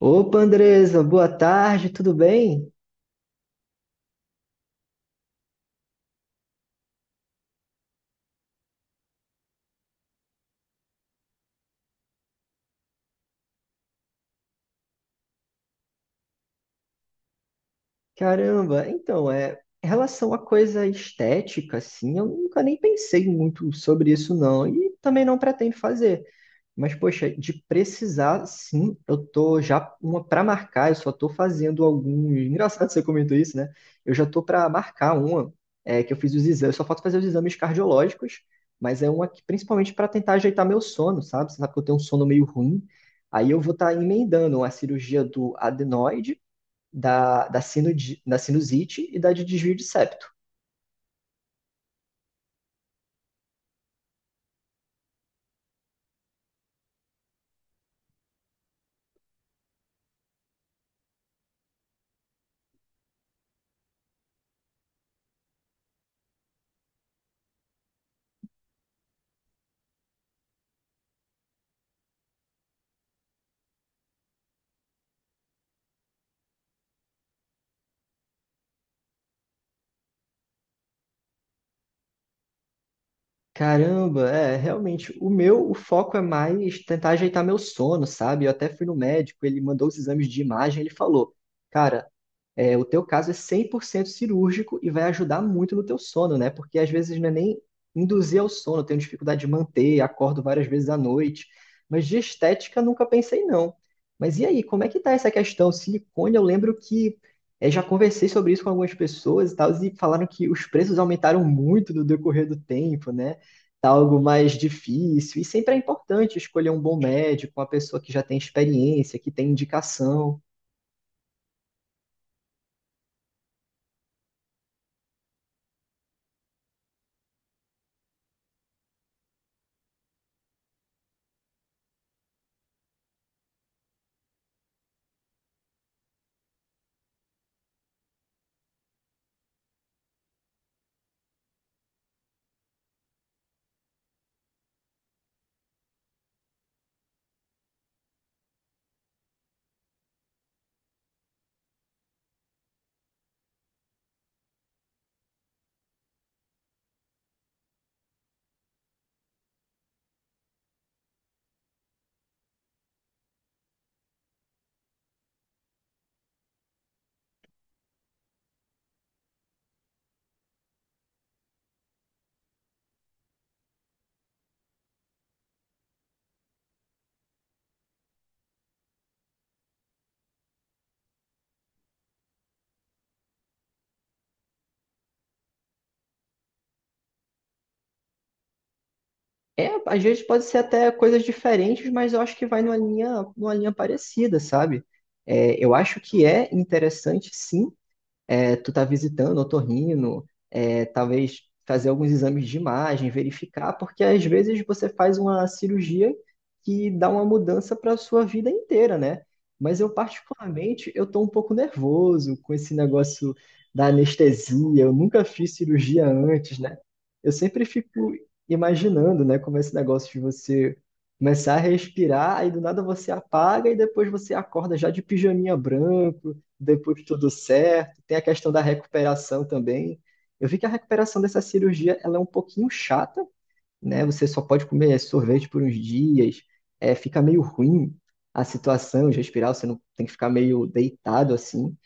Opa, Andresa, boa tarde, tudo bem? Caramba, então, é, em relação à coisa estética, assim, eu nunca nem pensei muito sobre isso, não, e também não pretendo fazer. Mas, poxa, de precisar, sim, eu tô já uma para marcar, eu só tô fazendo alguns. Engraçado você comentou isso, né? Eu já tô para marcar uma, é, que eu fiz os exames, só falta fazer os exames cardiológicos, mas é uma que principalmente para tentar ajeitar meu sono, sabe? Você sabe que eu tenho um sono meio ruim. Aí eu vou estar emendando a cirurgia do adenoide, da sinusite e da de desvio de septo. Caramba, é, realmente, o meu, o foco é mais tentar ajeitar meu sono, sabe? Eu até fui no médico, ele mandou os exames de imagem, ele falou, cara, é, o teu caso é 100% cirúrgico e vai ajudar muito no teu sono, né? Porque às vezes não é nem induzir ao sono, eu tenho dificuldade de manter, acordo várias vezes à noite. Mas de estética nunca pensei não. Mas e aí, como é que tá essa questão? Silicone, eu lembro que é, já conversei sobre isso com algumas pessoas e tal, e falaram que os preços aumentaram muito no decorrer do tempo, né? Tá algo mais difícil. E sempre é importante escolher um bom médico, uma pessoa que já tem experiência, que tem indicação. É, às vezes pode ser até coisas diferentes, mas eu acho que vai numa linha parecida, sabe? É, eu acho que é interessante, sim, é, tu tá visitando otorrino, é, talvez fazer alguns exames de imagem, verificar, porque às vezes você faz uma cirurgia que dá uma mudança para a sua vida inteira, né? Mas eu particularmente, eu tô um pouco nervoso com esse negócio da anestesia, eu nunca fiz cirurgia antes, né? Eu sempre fico imaginando, né, como é esse negócio de você começar a respirar, aí do nada você apaga e depois você acorda já de pijaminha branco, depois tudo certo. Tem a questão da recuperação também. Eu vi que a recuperação dessa cirurgia ela é um pouquinho chata, né? Você só pode comer sorvete por uns dias, é, fica meio ruim a situação de respirar, você não tem que ficar meio deitado assim.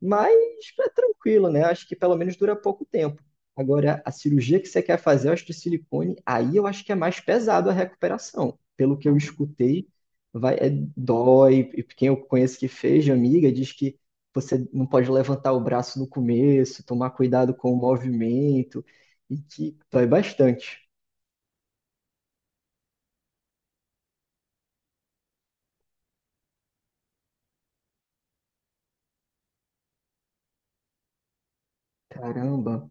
Mas é tranquilo, né? Acho que pelo menos dura pouco tempo. Agora, a cirurgia que você quer fazer, eu acho que silicone, aí eu acho que é mais pesado a recuperação. Pelo que eu escutei, vai, é, dói. E quem eu conheço que fez, de amiga, diz que você não pode levantar o braço no começo, tomar cuidado com o movimento, e que dói bastante. Caramba.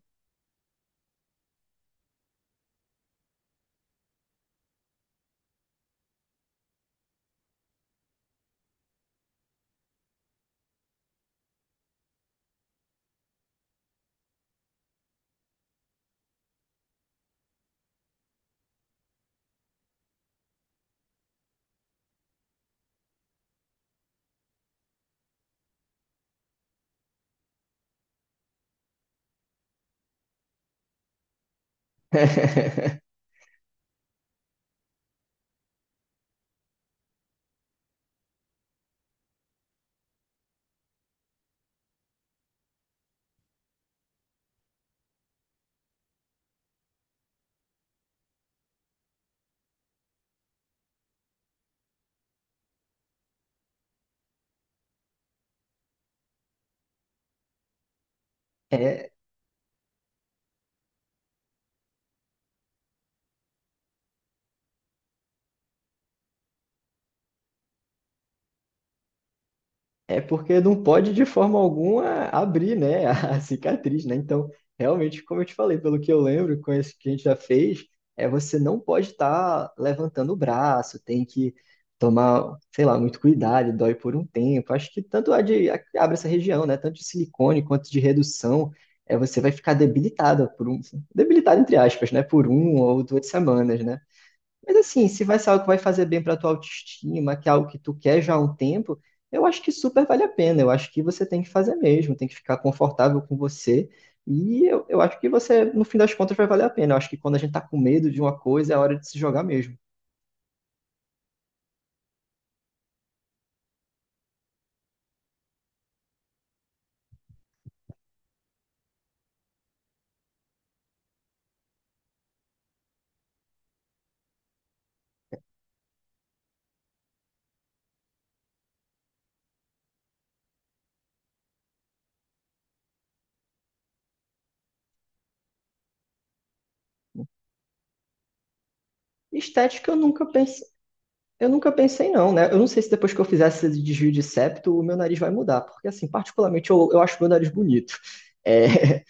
É É porque não pode de forma alguma abrir, né, a cicatriz, né? Então, realmente, como eu te falei, pelo que eu lembro, com esse que a gente já fez, é você não pode estar levantando o braço, tem que tomar, sei lá, muito cuidado, dói por um tempo. Acho que tanto a de a que abre essa região, né, tanto de silicone quanto de redução, é você vai ficar debilitada por um, debilitada entre aspas, né, por 1 ou 2 semanas, né? Mas assim, se vai ser algo que vai fazer bem para tua autoestima, que é algo que tu quer já há um tempo, eu acho que super vale a pena. Eu acho que você tem que fazer mesmo, tem que ficar confortável com você. E eu acho que você, no fim das contas, vai valer a pena. Eu acho que quando a gente tá com medo de uma coisa, é a hora de se jogar mesmo. Estética, eu nunca pensei, não, né? Eu não sei se depois que eu fizesse esse desvio de septo, o meu nariz vai mudar, porque assim, particularmente eu acho meu nariz bonito. É,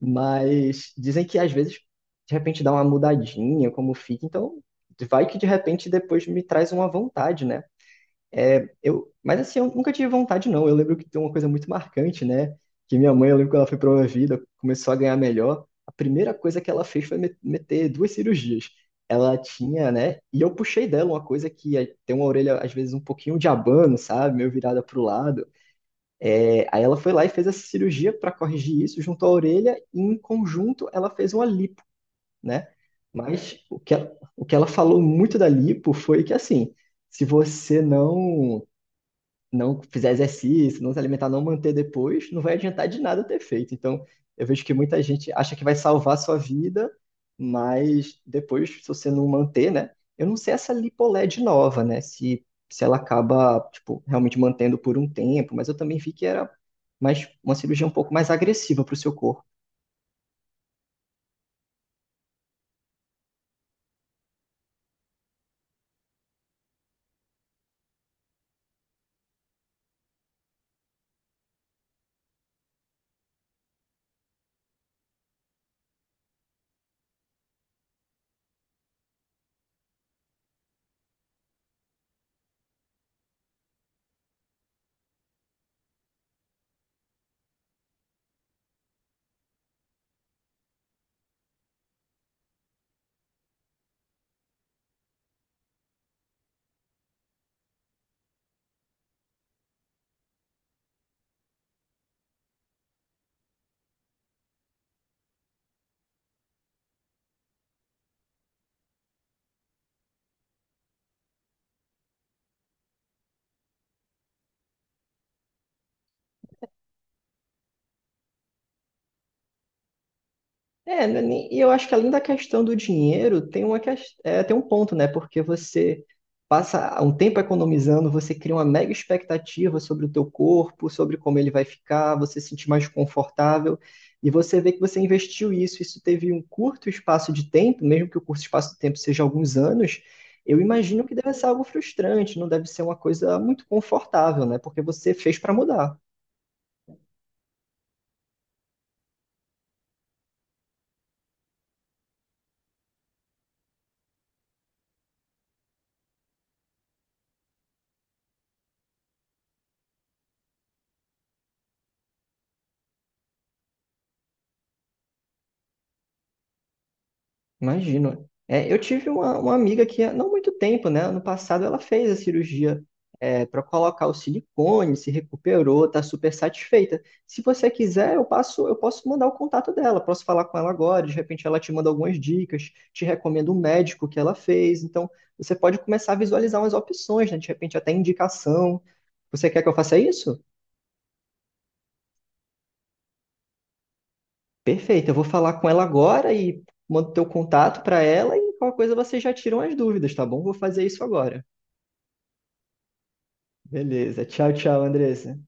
mas dizem que às vezes, de repente, dá uma mudadinha como fica. Então, vai que de repente depois me traz uma vontade, né? É, eu, mas assim, eu nunca tive vontade, não. Eu lembro que tem uma coisa muito marcante, né? Que minha mãe, eu lembro que ela foi promovida, começou a ganhar melhor. A primeira coisa que ela fez foi me- meter duas cirurgias. Ela tinha, né? E eu puxei dela uma coisa que é- tem uma orelha, às vezes, um pouquinho de abano, sabe? Meio virada pro lado. É, aí ela foi lá e fez essa cirurgia para corrigir isso junto à orelha e em conjunto ela fez uma lipo, né? Mas o que ela falou muito da lipo foi que assim, se você não fizer exercício, não se alimentar, não manter depois, não vai adiantar de nada ter feito. Então, eu vejo que muita gente acha que vai salvar a sua vida, mas depois, se você não manter, né? Eu não sei essa LipoLed nova, né? Se ela acaba, tipo, realmente mantendo por um tempo, mas eu também vi que era mais, uma cirurgia um pouco mais agressiva para o seu corpo. É, né, nem- e eu acho que além da questão do dinheiro, tem uma ques- é, tem um ponto, né? Porque você passa um tempo economizando, você cria uma mega expectativa sobre o teu corpo, sobre como ele vai ficar, você se sentir mais confortável, e você vê que você investiu isso, isso teve um curto espaço de tempo, mesmo que o curto espaço de tempo seja alguns anos, eu imagino que deve ser algo frustrante, não deve ser uma coisa muito confortável, né? Porque você fez para mudar. Imagino. É, eu tive uma amiga que há não muito tempo, né? Ano passado ela fez a cirurgia para colocar o silicone, se recuperou, tá super satisfeita. Se você quiser, eu passo, eu posso mandar o contato dela, posso falar com ela agora, de repente ela te manda algumas dicas, te recomenda um médico que ela fez. Então, você pode começar a visualizar umas opções, né? De repente até indicação. Você quer que eu faça isso? Perfeito, eu vou falar com ela agora e mando teu contato para ela e qualquer coisa vocês já tiram as dúvidas, tá bom? Vou fazer isso agora. Beleza. Tchau, tchau, Andressa.